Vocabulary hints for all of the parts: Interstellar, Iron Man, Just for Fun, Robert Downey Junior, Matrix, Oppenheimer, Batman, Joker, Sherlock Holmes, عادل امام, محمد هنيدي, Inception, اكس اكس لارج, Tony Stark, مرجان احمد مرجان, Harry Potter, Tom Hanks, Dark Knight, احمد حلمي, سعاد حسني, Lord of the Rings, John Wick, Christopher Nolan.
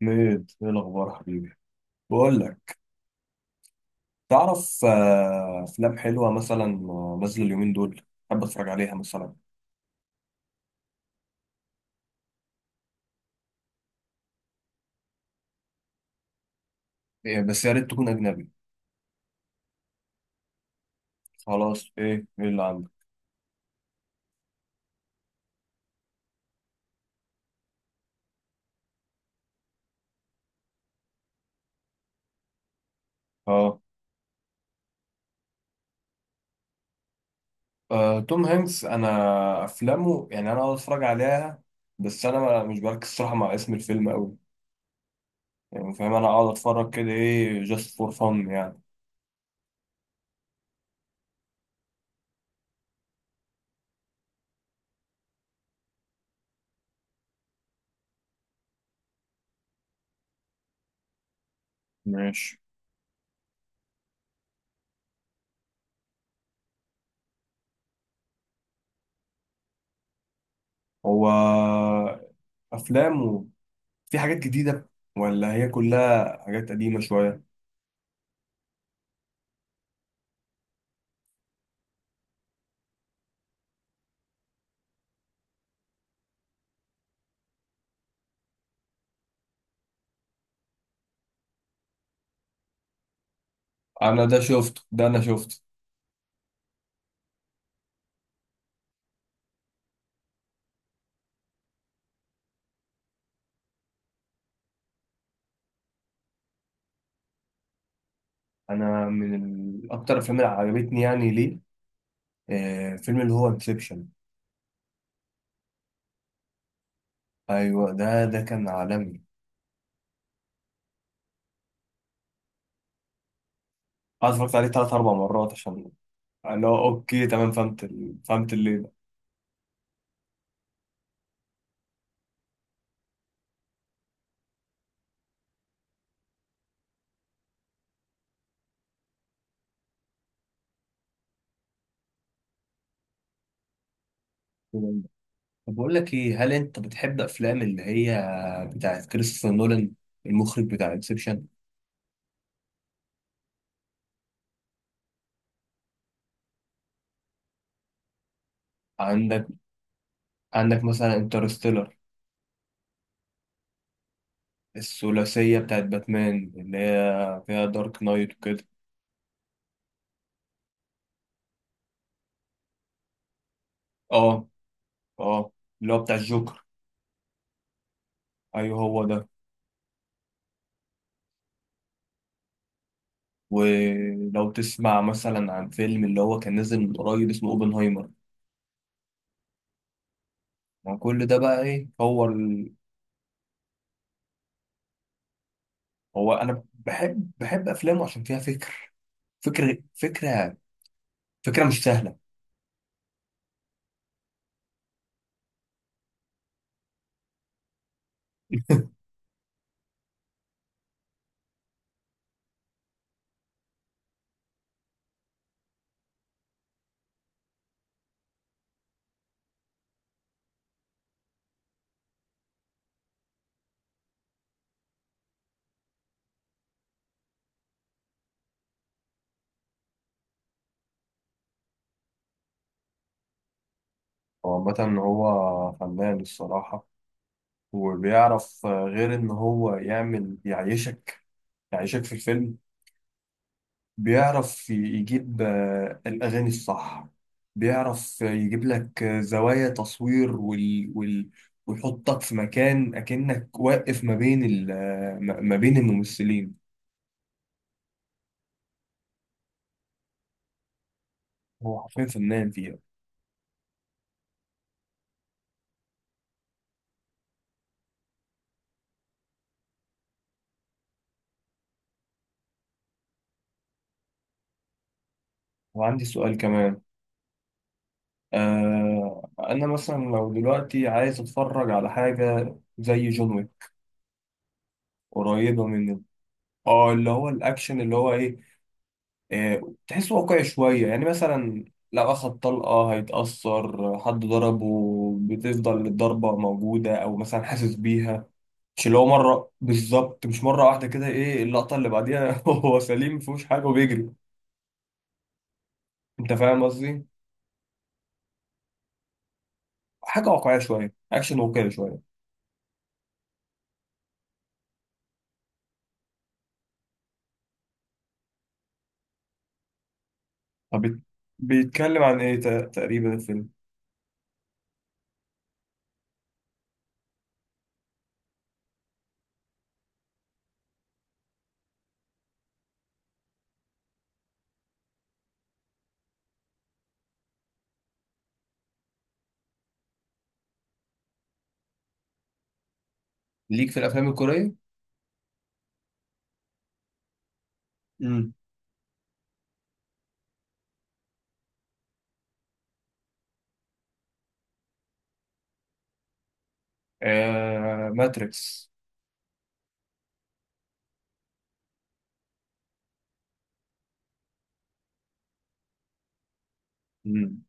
ميد، ايه الاخبار حبيبي؟ بقول لك، تعرف، افلام حلوه مثلا، نازله اليومين دول، حابب اتفرج عليها مثلا. إيه، بس يا ريت تكون اجنبي. خلاص، ايه اللي عندك؟ اه، توم هانكس انا افلامه يعني انا اقعد اتفرج عليها. بس انا مش بركز صراحه مع اسم الفيلم قوي. يعني فاهم، انا اقعد اتفرج كده، ايه، جاست فور فن يعني. ماشي. هو افلامه في حاجات جديده ولا هي كلها حاجات قديمه شويه؟ انا ده شفته، ده انا شفته. انا من اكتر الافلام اللي عجبتني، يعني ليه؟ فيلم اللي هو انسبشن. ايوه ده كان عالمي. انا اتفرجت عليه 3 4 مرات عشان اللي هو اوكي تمام، فهمت فهمت اللي ده. طب بقول لك ايه، هل انت بتحب افلام اللي هي بتاعت كريستوفر نولان، المخرج بتاع انسبشن؟ عندك، عندك مثلا انترستيلر، الثلاثيه بتاعت باتمان اللي هي فيها دارك نايت وكده. اه، اه اللي هو بتاع الجوكر. ايوه هو ده. ولو تسمع مثلا عن فيلم اللي هو كان نازل من قريب، اسمه اوبنهايمر. ما كل ده بقى، ايه هو هو انا بحب افلامه عشان فيها فكر فكره فكره مش سهله. هو مثلا هو فنان الصراحه، وبيعرف غير ان هو يعمل يعيشك في الفيلم. بيعرف يجيب الأغاني الصح، بيعرف يجيب لك زوايا تصوير ويحطك في مكان أكنك واقف ما بين ال... آه، ما ما بين الممثلين. هو حرفيا فنان فيها. وعندي سؤال كمان. أنا مثلا لو دلوقتي عايز أتفرج على حاجة زي جون ويك، قريبة من اللي هو الأكشن اللي هو إيه آه، تحسه واقعي شوية يعني، مثلا لو أخد طلقة هيتأثر، حد ضربه بتفضل الضربة موجودة أو مثلا حاسس بيها. مش اللي هو مرة بالظبط، مش مرة واحدة كده، إيه اللقطة اللي بعديها هو سليم مفيهوش حاجة وبيجري. أنت فاهم قصدي؟ حاجة واقعية شوية، أكشن واقعي شوية. طب بيتكلم عن إيه تقريبا الفيلم؟ ليك في الأفلام الكورية؟ امم ماتريكس. مم.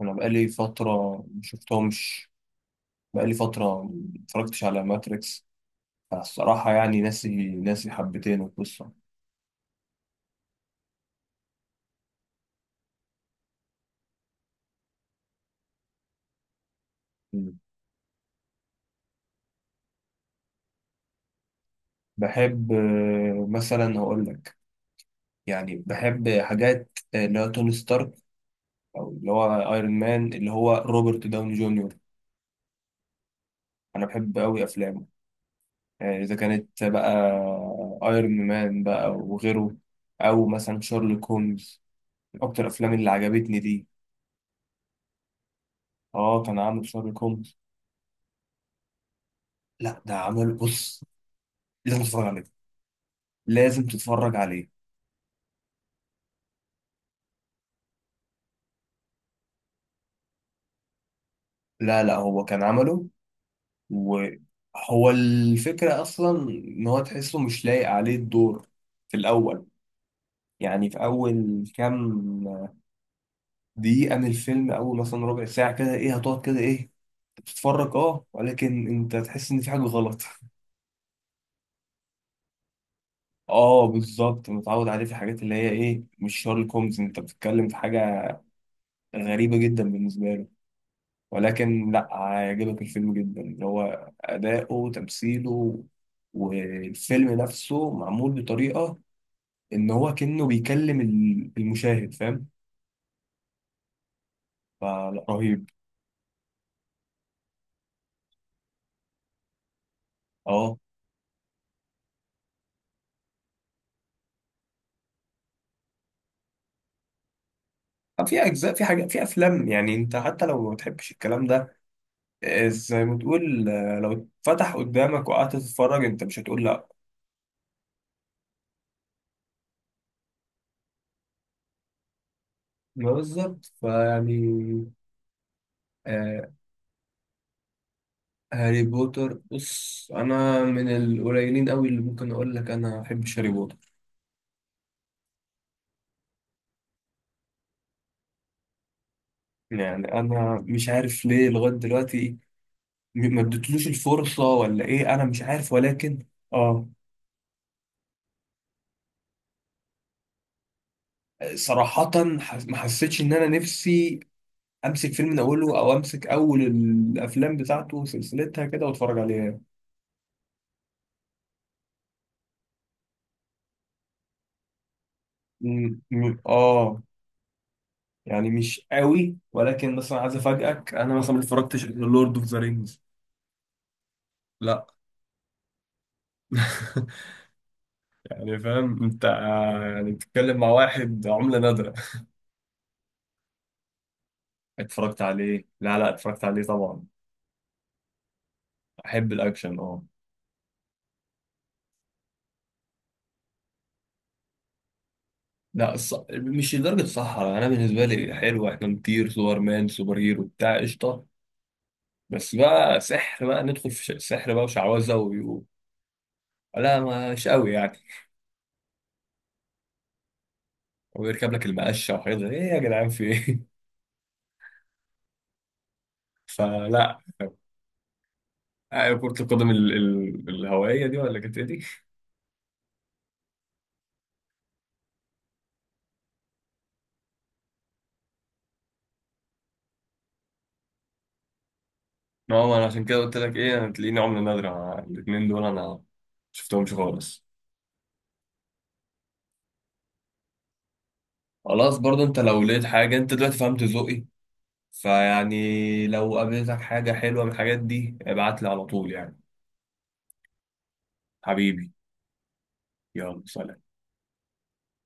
أنا بقالي فترة مشفتهمش، بقالي فترة ما اتفرجتش على ماتريكس الصراحة، يعني ناسي، ناسي حبتين القصة. مم. بحب مثلا هقول لك، يعني بحب حاجات اللي هو توني ستارك، أو اللي هو أيرون مان اللي هو روبرت داوني جونيور. أنا بحب أوي أفلامه. يعني إذا كانت بقى أيرون مان بقى وغيره، أو مثلا شارلوك هومز، من أكتر الأفلام اللي عجبتني دي. كان عامل شارلوك هومز. لا، ده عمل، بص، لازم تتفرج عليه، لازم تتفرج عليه. لا لا، هو كان عمله. وهو الفكرة أصلا إن هو تحسه مش لايق عليه الدور في الأول. يعني في أول كام دقيقة من الفيلم، أول مثلا ربع ساعة كده، إيه، هتقعد كده، إيه، بتتفرج، ولكن أنت تحس إن في حاجة غلط. أه بالظبط، متعود عليه في الحاجات اللي هي إيه، مش شارلوك هومز. أنت بتتكلم في حاجة غريبة جدا بالنسبة له، ولكن لا، هيعجبك الفيلم جدا، اللي هو أداؤه، تمثيله. والفيلم نفسه معمول بطريقة إن هو كأنه بيكلم المشاهد، فاهم؟ فلا، رهيب. اه، طب في أجزاء، في حاجات، في أفلام يعني، أنت حتى لو ما بتحبش الكلام ده، زي ما تقول، لو اتفتح قدامك وقعدت تتفرج أنت مش هتقول لأ. ما بالظبط فيعني. آه هاري بوتر بص، أنا من القليلين أوي اللي ممكن أقول لك أنا ما بحبش هاري بوتر. يعني انا مش عارف ليه لغايه دلوقتي، ما اديتلوش الفرصه ولا ايه، انا مش عارف ولكن اه، صراحه، ما حسيتش ان انا نفسي امسك فيلم من اوله او امسك اول الافلام بتاعته وسلسلتها كده واتفرج عليها. م- م- اه يعني مش قوي، ولكن مثلا عايز افاجئك، انا مثلا ما اتفرجتش لورد اوف ذا رينجز. لا. يعني فاهم انت، يعني بتتكلم مع واحد عملة نادرة. اتفرجت عليه؟ لا لا، اتفرجت عليه طبعا، احب الاكشن اه. لا مش لدرجه الصحراء، انا بالنسبه لي حلوه، احنا نطير سوبر مان، سوبر هيرو بتاع، قشطه. بس بقى سحر بقى، ندخل في سحر بقى وشعوذه لا مش قوي يعني. ويركب لك المقشه وحاجات ايه يا جدعان في ايه؟ فلا. كرة القدم الهوائية دي، ولا كانت ايه دي؟ نعم، انا عشان كده قلت لك ايه، انا تلاقيني عملة نادرة، أنا الاتنين دول انا شفتهمش خالص. خلاص، برضه انت لو لقيت حاجة، انت دلوقتي فهمت ذوقي، فيعني لو قابلتك حاجة حلوة من الحاجات دي ابعت لي على طول يعني. حبيبي، يلا سلام.